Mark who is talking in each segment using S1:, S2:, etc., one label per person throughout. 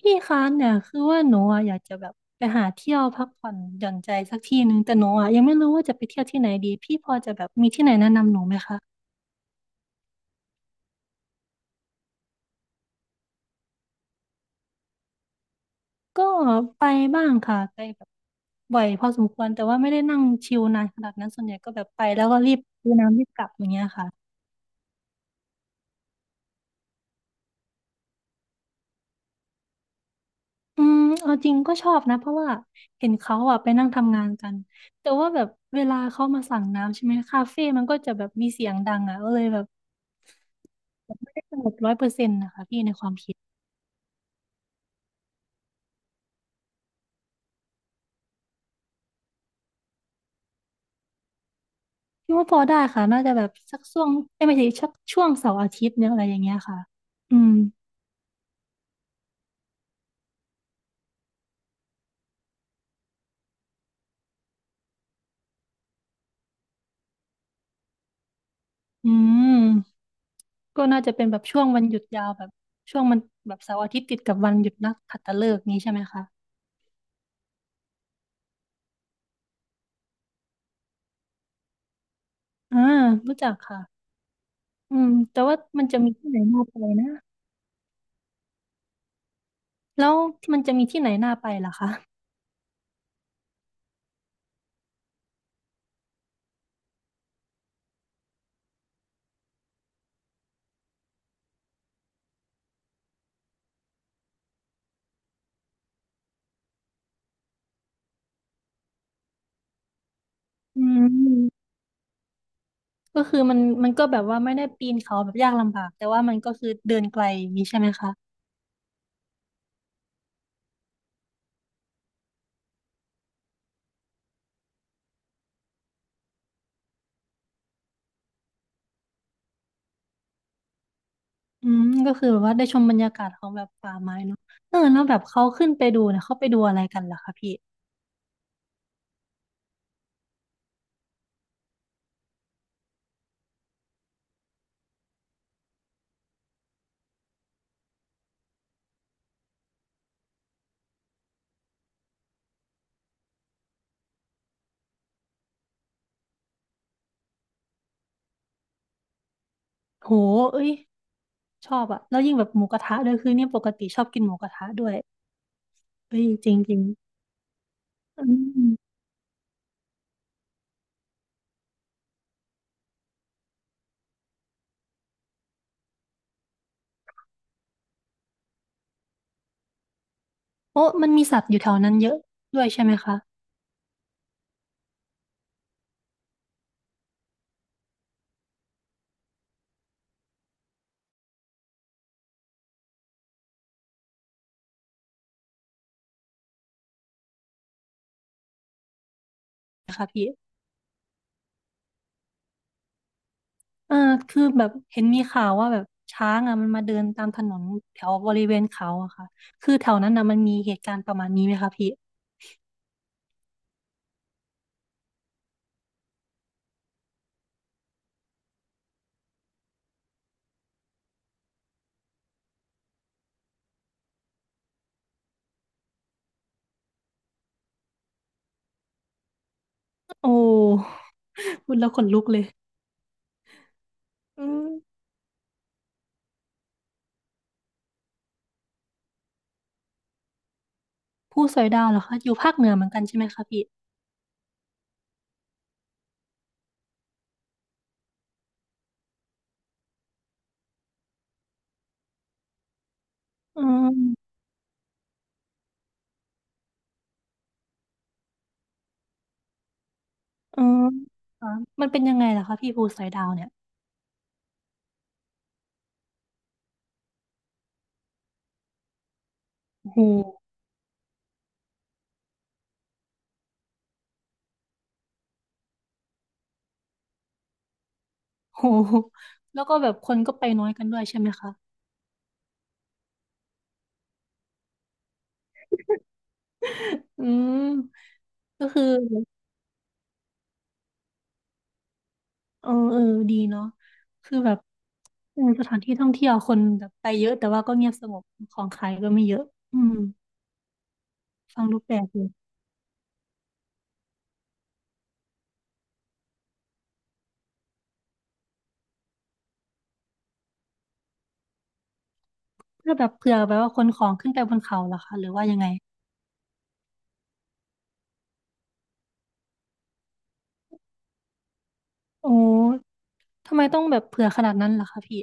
S1: พี่คะเนี่ยคือว่าหนูอะอยากจะแบบไปหาเที่ยวพักผ่อนหย่อนใจสักที่หนึ่งแต่หนูอะยังไม่รู้ว่าจะไปเที่ยวที่ไหนดีพี่พอจะแบบมีที่ไหนแนะนำหนูไหมคะก็ไปบ้างค่ะไปแบบบ่อยพอสมควรแต่ว่าไม่ได้นั่งชิลนานขนาดนั้นส่วนใหญ่ก็แบบไปแล้วก็รีบดูน้ำรีบกลับอย่างเงี้ยค่ะอืมเอาจริงก็ชอบนะเพราะว่าเห็นเขาอะไปนั่งทำงานกันแต่ว่าแบบเวลาเขามาสั่งน้ำใช่ไหมคาเฟ่มันก็จะแบบมีเสียงดังอะก็เลยแบบไม่ได้สงบร้อยเปอร์เซ็นต์นะคะพี่ในความคิด คิดว่าพอได้ค่ะน่าจะแบบสักช่วงเอ้ยไม่ใช่ชักช่วงเสาร์อาทิตย์เนี่ยอะไรอย่างเงี้ยค่ะอืมอืมก็น่าจะเป็นแบบช่วงวันหยุดยาวแบบช่วงมันแบบเสาร์อาทิตย์ติดกับวันหยุดนักขัตฤกษ์นี้ใช่ไหมคะอ่ารู้จักค่ะอืมแต่ว่ามันจะมีที่ไหนน่าไปนะแล้วมันจะมีที่ไหนน่าไปล่ะคะอืมก็คือมันก็แบบว่าไม่ได้ปีนเขาแบบยากลำบากแต่ว่ามันก็คือเดินไกลอย่างนี้ใช่ไหมคะ อืมก็คือแบบว่าได้ชมบรรยากาศของแบบป่าไม้เนาะเออแล้วแบบเขาขึ้นไปดูเนี่ยเขาไปดูอะไรกันล่ะคะพี่โหเอ้ยชอบอะแล้วยิ่งแบบหมูกระทะด้วยคือเนี่ยปกติชอบกินหมูกระทะด้วยเอ้ยจริงจริงอืมโอ้มันมีสัตว์อยู่แถวนั้นเยอะด้วยใช่ไหมคะเออคือแบบเห็นมีข่าวว่าแบบช้างอะมันมาเดินตามถนนแถวบริเวณเขาอะค่ะคือแถวนั้นนะมันมีเหตุการณ์ประมาณนี้ไหมคะพี่โอ้ พูดแล้วขนลุกเลยอืมผู้สอยดาวเหรอคะอยู่ภาคเหนือเหมือนกันใช่ไหมคะพี่ อืมอืมอ่ะมันเป็นยังไงล่ะคะพี่ภูสอยดาวเนี่ยโอ้โห โอโหแล้วก็แบบคนก็ไปน้อยกันด้วยใช่ไหมคะอืมก็คือเออดีเนาะคือแบบเออสถานที่ท่องเที่ยวคนแบบไปเยอะแต่ว่าก็เงียบสงบของขายก็ไม่เยอะอืมฟังดูแปลกอยู่แล้วแบบเผื่อแบบว่าคนของขึ้นไปบนเขาเหรอคะหรือว่ายังไงโอ้ทำไมต้องแบบเผื่อขนาดนั้นล่ะคะพี่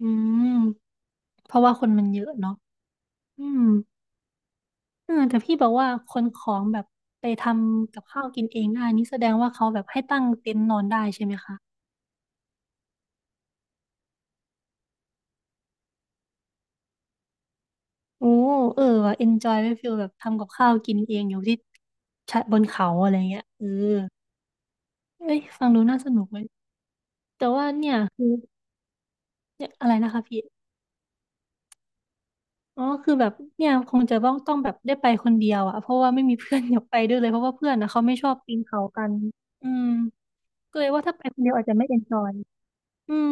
S1: อืมเพราะว่าคนมันเยอะเนาะอืม เออแต่พี่บอกว่าคนของแบบไปทำกับข้าวกินเองได้นี่แสดงว่าเขาแบบให้ตั้งเต็นท์นอนได้ใช่ไหมคะโอ้เออว่ะเอนจอยไว้ฟีลแบบทำกับข้าวกินเองอยู่ที่ชะบนเขาอะไรเงี้ยเออเอ้ยฟังดูน่าสนุกเลยแต่ว่าเนี่ยคือเนี่ยอะไรนะคะพี่อ๋อคือแบบเนี่ยคงจะต้องแบบได้ไปคนเดียวอะเพราะว่าไม่มีเพื่อนอยากไปด้วยเลยเพราะว่าเพื่อนนะเขาไม่ชอบปีนเขากันอืมก็เลยว่าถ้าไปคนเดียวอาจจะไม่เอนจอยอืม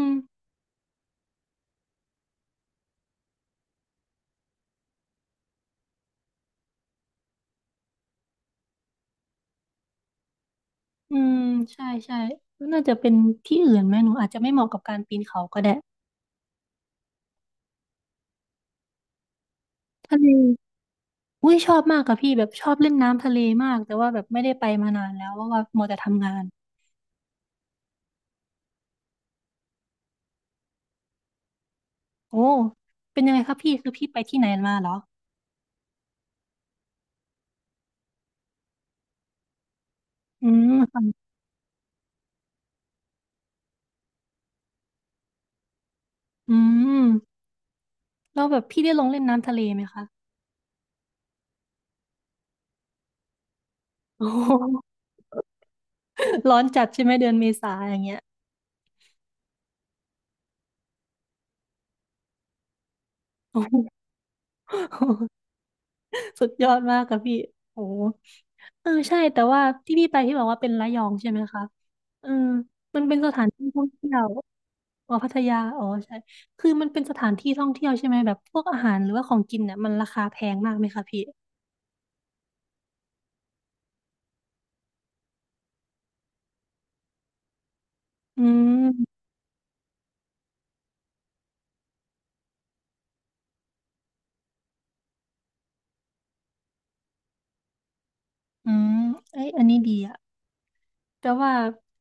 S1: อืมใช่ใช่น่าจะเป็นที่อื่นไหมหนูอาจจะไม่เหมาะกับการปีนเขาก็ได้ทะเลอุ้ยชอบมากค่ะพี่แบบชอบเล่นน้ำทะเลมากแต่ว่าแบบไม่ได้ไปมานานแล้วเพราะว่ามัวแต่ทำงานโอ้เป็นยังไงคะพี่คือพี่ไปที่ไหนมาเหรออืมค่ะอืมแล้วแบบพี่ได้ลงเล่นน้ำทะเลไหมคะโอ้โหร้อนจัดใช่ไหมเดือนเมษาอย่างเงี้ยโอ้โห สุดยอดมากค่ะพี่โอ้โหเออใช่แต่ว่าที่พี่ไปที่บอกว่าเป็นระยองใช่ไหมคะเออมันเป็นสถานที่ท่องเที่ยวอ๋อพัทยา อ๋อใช่คือมันเป็นสถานที่ท่องเที่ยวใช่ไหมแบบพวกอาหารหรือว่าของกินเนี่ยมันราคาแพงมากไหมคะพี่อืมอืมเอ้ยอันนี้ดีอะแต่ว่า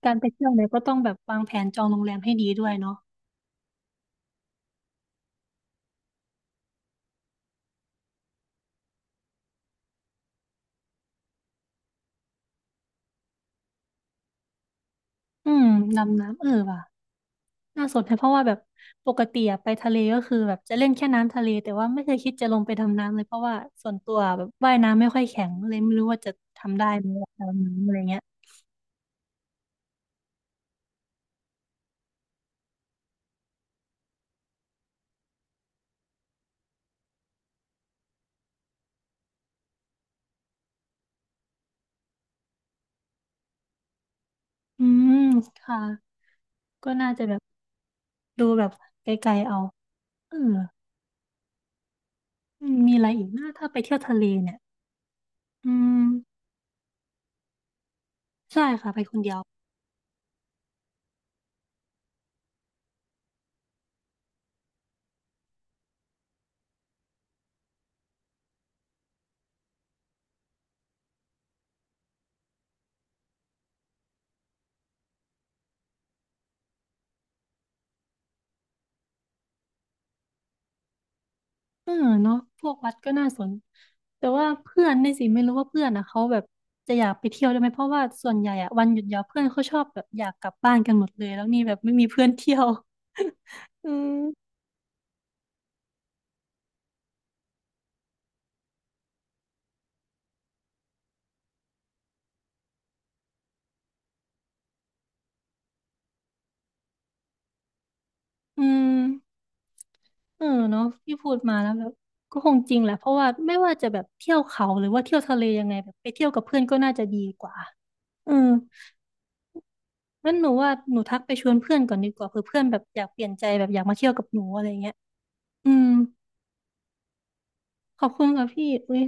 S1: การไปเที่ยวเนี่ยก็ต้องแบบวางแผนจองโรงแรมให้ดีด้วยเนาะอืมดำน้ำเออว่ะ น่าสนใจเพราะว่าแบบปกติอะไปทะเลก็คือแบบจะเล่นแค่น้ำทะเลแต่ว่าไม่เคยคิดจะลงไปดำน้ำเลยเพราะว่าส่วนตัวแบบว่ายน้ำไม่ค่อยแข็งเลยไม่รู้ว่าจะทำได้ไหมดำน้ำอะไรเงี้ยอืมค่ะก็น่าจะแบบดูแบบไกลๆเอาเอออืมมีอะไรอีกนะถ้าไปเที่ยวทะเลเนี่ยอืมใช่ค่ะไปคนเดียว เออเนาะพวกวัดก็น่าสน แต่ว่าเพื่อนนี่สิไม่รู้ว่าเพื่อนอ่ะเขาแบบจะอยากไปเที่ยวด้วยไหมเพราะว่าส่วนใหญ่อ่ะวันหยุดยาวเพื่อนเขาชอบแบบอยากกลับบ้านกันหมดเลย แล้วนี่แบบไม่มีเพื่อนเที่ยว อืมอืมเออเนาะที่พูดมาแล้วแบบก็คงจริงแหละเพราะว่าไม่ว่าจะแบบเที่ยวเขาหรือว่าเที่ยวทะเลยังไงแบบไปเที่ยวกับเพื่อนก็น่าจะดีกว่าเอองั้นหนูว่าหนูทักไปชวนเพื่อนก่อนดีกว่าเผื่อเพื่อนแบบอยากเปลี่ยนใจแบบอยากมาเที่ยวกับหนูอะไรเงี้ยอืมขอบคุณค่ะพี่อุ้ย